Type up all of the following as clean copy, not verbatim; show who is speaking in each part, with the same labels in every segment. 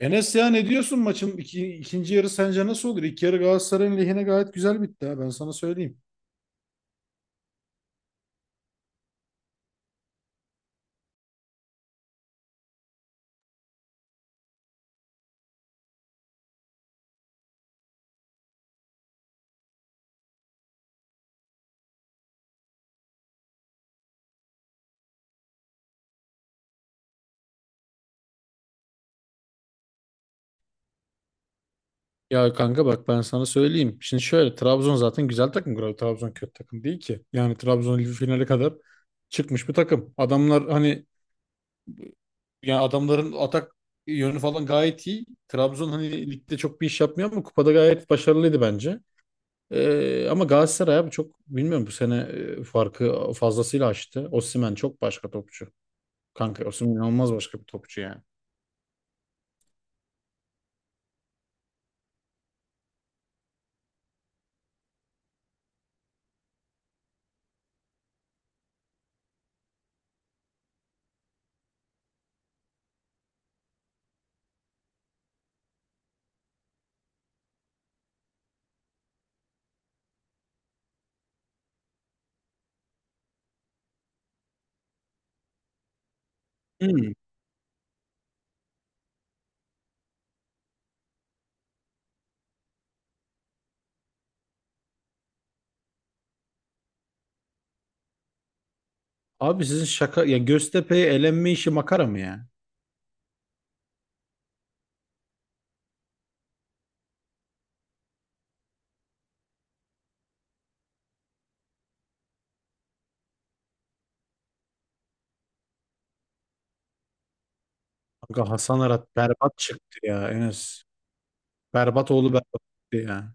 Speaker 1: Enes ya ne diyorsun maçın ikinci yarı sence nasıl olur? İlk yarı Galatasaray'ın lehine gayet güzel bitti ha ben sana söyleyeyim. Ya kanka bak ben sana söyleyeyim. Şimdi şöyle Trabzon zaten güzel takım. Trabzon kötü takım değil ki. Yani Trabzon Ligi finale kadar çıkmış bir takım. Adamlar hani yani adamların atak yönü falan gayet iyi. Trabzon hani ligde çok bir iş yapmıyor ama kupada gayet başarılıydı bence. Ama Galatasaray abi çok bilmiyorum bu sene farkı fazlasıyla açtı. Osimhen çok başka topçu. Kanka Osimhen inanılmaz başka bir topçu yani. Hmm. Abi sizin şaka ya Göztepe'ye elenme işi makara mı ya? Kanka Hasan Arat berbat çıktı ya Enes. Berbat oğlu berbat çıktı ya.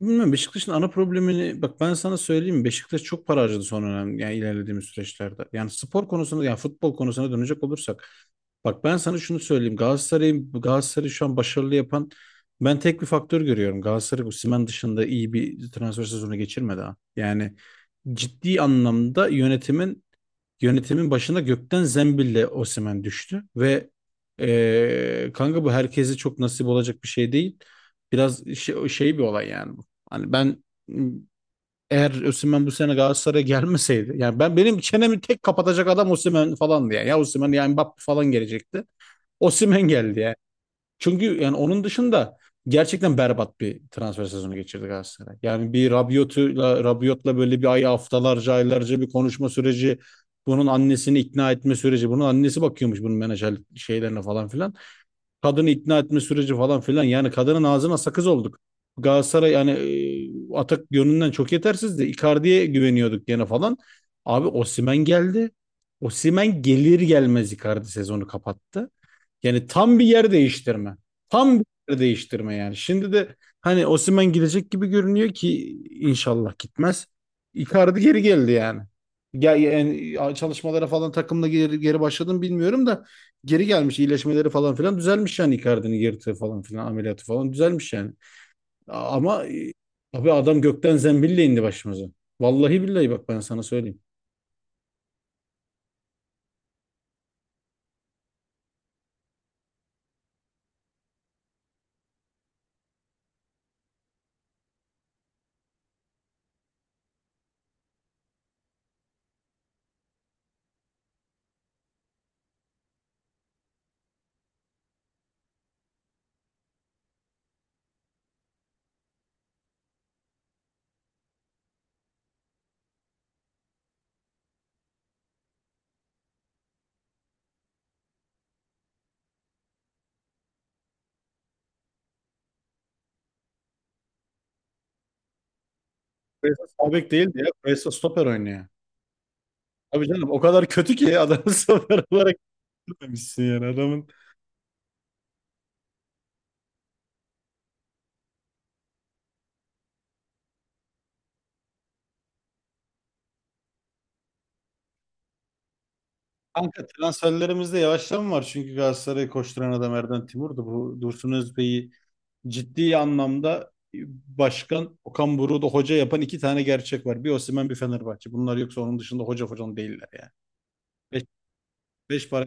Speaker 1: Bilmiyorum Beşiktaş'ın ana problemini bak ben sana söyleyeyim mi? Beşiktaş çok para harcadı son dönem yani ilerlediğimiz süreçlerde. Yani spor konusunda yani futbol konusuna dönecek olursak bak ben sana şunu söyleyeyim Galatasaray'ı şu an başarılı yapan ben tek bir faktör görüyorum. Galatasaray bu Osimhen dışında iyi bir transfer sezonu geçirmedi ha. Yani ciddi anlamda Yönetimin başına gökten zembille Osimhen düştü ve kanka bu herkese çok nasip olacak bir şey değil. Biraz şey bir olay yani bu. Hani ben eğer Osimhen bu sene Galatasaray'a gelmeseydi yani benim çenemi tek kapatacak adam Osimhen falandı yani. Ya Osimhen yani Mbappe falan gelecekti. Osimhen geldi yani. Çünkü yani onun dışında gerçekten berbat bir transfer sezonu geçirdi Galatasaray. Yani bir Rabiot'la böyle bir ay haftalarca aylarca bir konuşma süreci, bunun annesini ikna etme süreci, bunun annesi bakıyormuş bunun menajer şeylerine falan filan. Kadını ikna etme süreci falan filan. Yani kadının ağzına sakız olduk. Galatasaray yani atak yönünden çok yetersizdi. Icardi'ye güveniyorduk gene falan. Abi Osimhen geldi. Osimhen gelir gelmez Icardi sezonu kapattı. Yani tam bir yer değiştirme. Tam bir yer değiştirme yani. Şimdi de hani Osimhen gidecek gibi görünüyor ki inşallah gitmez. Icardi geri geldi yani. Ya, yani çalışmalara falan takımla geri başladım bilmiyorum da geri gelmiş iyileşmeleri falan filan düzelmiş yani Icardi'nin yırtığı falan filan ameliyatı falan düzelmiş yani. Ama abi adam gökten zembille indi başımıza. Vallahi billahi bak ben sana söyleyeyim. Presa sağ bek değildi ya. Presa stoper oynuyor. Abi canım o kadar kötü ki adamı stoper olarak demişsin yani adamın. Kanka transferlerimizde yavaşlama var. Çünkü Galatasaray'ı koşturan adam Erden Timur'du. Bu Dursun Özbey'i ciddi anlamda başkan Okan Buruk'u da hoca yapan iki tane gerçek var. Bir Osimhen bir Fenerbahçe. Bunlar yoksa onun dışında hoca falan değiller yani. Beş, beş para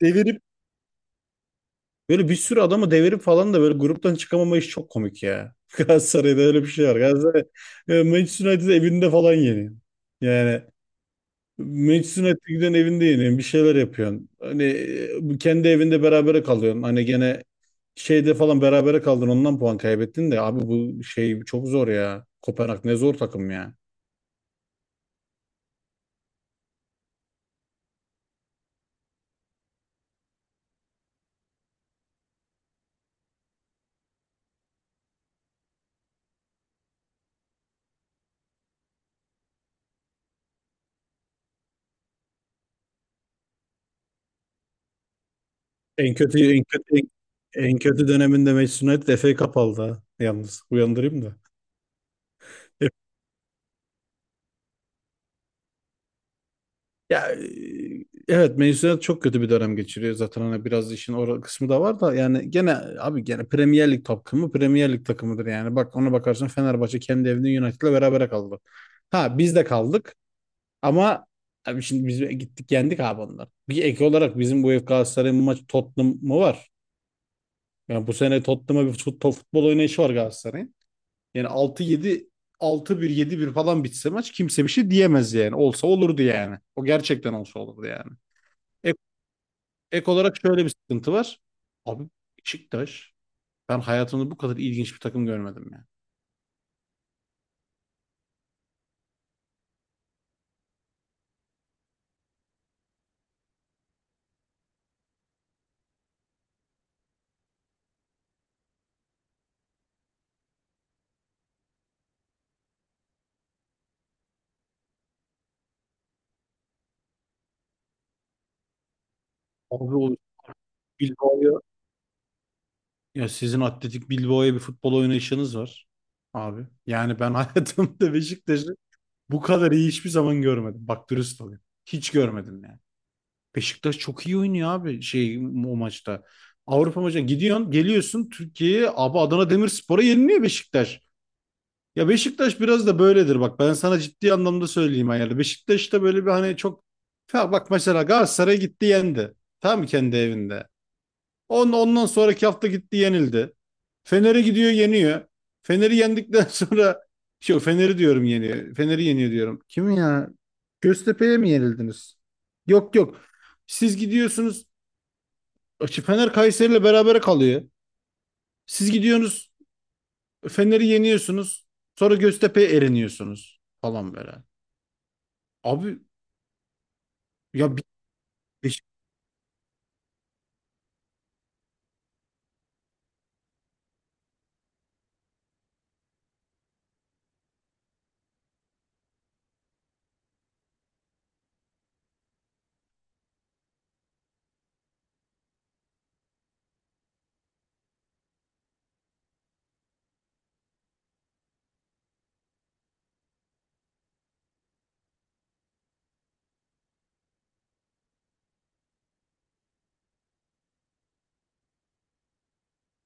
Speaker 1: devirip böyle bir sürü adamı devirip falan da böyle gruptan çıkamama iş çok komik ya. Galatasaray'da öyle bir şey var. Galatasaray Manchester United evinde falan yeniyor. Yani Meclisin giden evinde yeniyorsun. Bir şeyler yapıyorsun. Hani kendi evinde berabere kalıyorsun. Hani gene şeyde falan berabere kaldın ondan puan kaybettin de abi bu şey çok zor ya. Kopenhag ne zor takım ya. En kötü en kötü en kötü döneminde Manchester United FA Cup aldı ha. Yalnız uyandırayım da. Ya evet mezuniyet çok kötü bir dönem geçiriyor zaten hani biraz işin o kısmı da var da yani gene abi gene Premier Lig takımıdır yani bak ona bakarsan Fenerbahçe kendi evinde United'la berabere kaldı. Ha biz de kaldık ama abi şimdi biz gittik yendik abi onları. Bir ek olarak bizim bu ev Galatasaray'ın maç Tottenham'ı var. Yani bu sene Tottenham'a bir futbol oynayışı var Galatasaray'ın. Yani altı bir yedi bir falan bitse maç kimse bir şey diyemez yani. Olsa olurdu yani. O gerçekten olsa olurdu yani. Ek olarak şöyle bir sıkıntı var. Abi Beşiktaş ben hayatımda bu kadar ilginç bir takım görmedim ya. Abi o Bilbao'ya ya sizin atletik Bilbao'ya bir futbol oynayışınız var abi. Yani ben hayatımda Beşiktaş'ı bu kadar iyi hiçbir zaman görmedim. Bak dürüst olayım. Hiç görmedim yani. Beşiktaş çok iyi oynuyor abi şey o maçta. Avrupa maçına gidiyorsun, geliyorsun Türkiye'ye abi Adana Demirspor'a yeniliyor Beşiktaş. Ya Beşiktaş biraz da böyledir bak ben sana ciddi anlamda söyleyeyim ayarlı. Beşiktaş'ta böyle bir hani çok ya bak mesela Galatasaray gitti yendi. Tamam mı kendi evinde. Ondan sonraki hafta gitti yenildi. Fener'e gidiyor yeniyor. Fener'i yendikten sonra şey Fener'i diyorum yeniyor. Fener'i yeniyor diyorum. Kim ya? Göztepe'ye mi yenildiniz? Yok yok. Siz gidiyorsunuz. Fener Kayseri'yle berabere kalıyor. Siz gidiyorsunuz. Fener'i yeniyorsunuz. Sonra Göztepe'ye eriniyorsunuz falan böyle. Abi ya bir Beşik-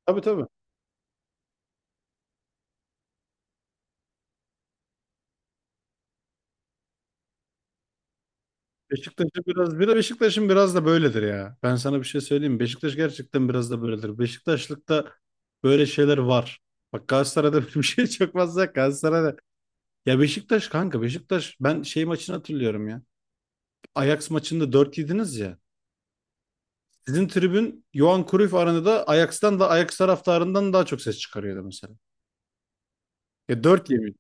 Speaker 1: Tabii tabii. Beşiktaş'ın biraz da böyledir ya. Ben sana bir şey söyleyeyim mi? Beşiktaş gerçekten biraz da böyledir. Beşiktaşlıkta böyle şeyler var. Bak Galatasaray'da böyle bir şey çok fazla yok. Galatasaray'da ya Beşiktaş ben şey maçını hatırlıyorum ya. Ajax maçında 4 yediniz ya. Sizin tribün Johan Cruyff Arena'da Ajax'tan da Ajax taraftarından daha çok ses çıkarıyordu mesela. Ya 4 yemiş,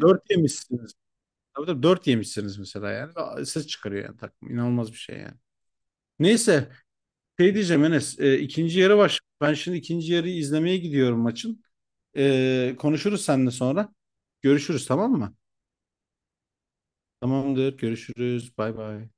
Speaker 1: 4 yemişsiniz. Tabii tabii 4 yemişsiniz mesela yani. Ses çıkarıyor yani takım. İnanılmaz bir şey yani. Neyse şey diyeceğim Enes ikinci yarı baş. Ben şimdi ikinci yarıyı izlemeye gidiyorum maçın. Konuşuruz seninle sonra. Görüşürüz tamam mı? Tamamdır görüşürüz bay bay.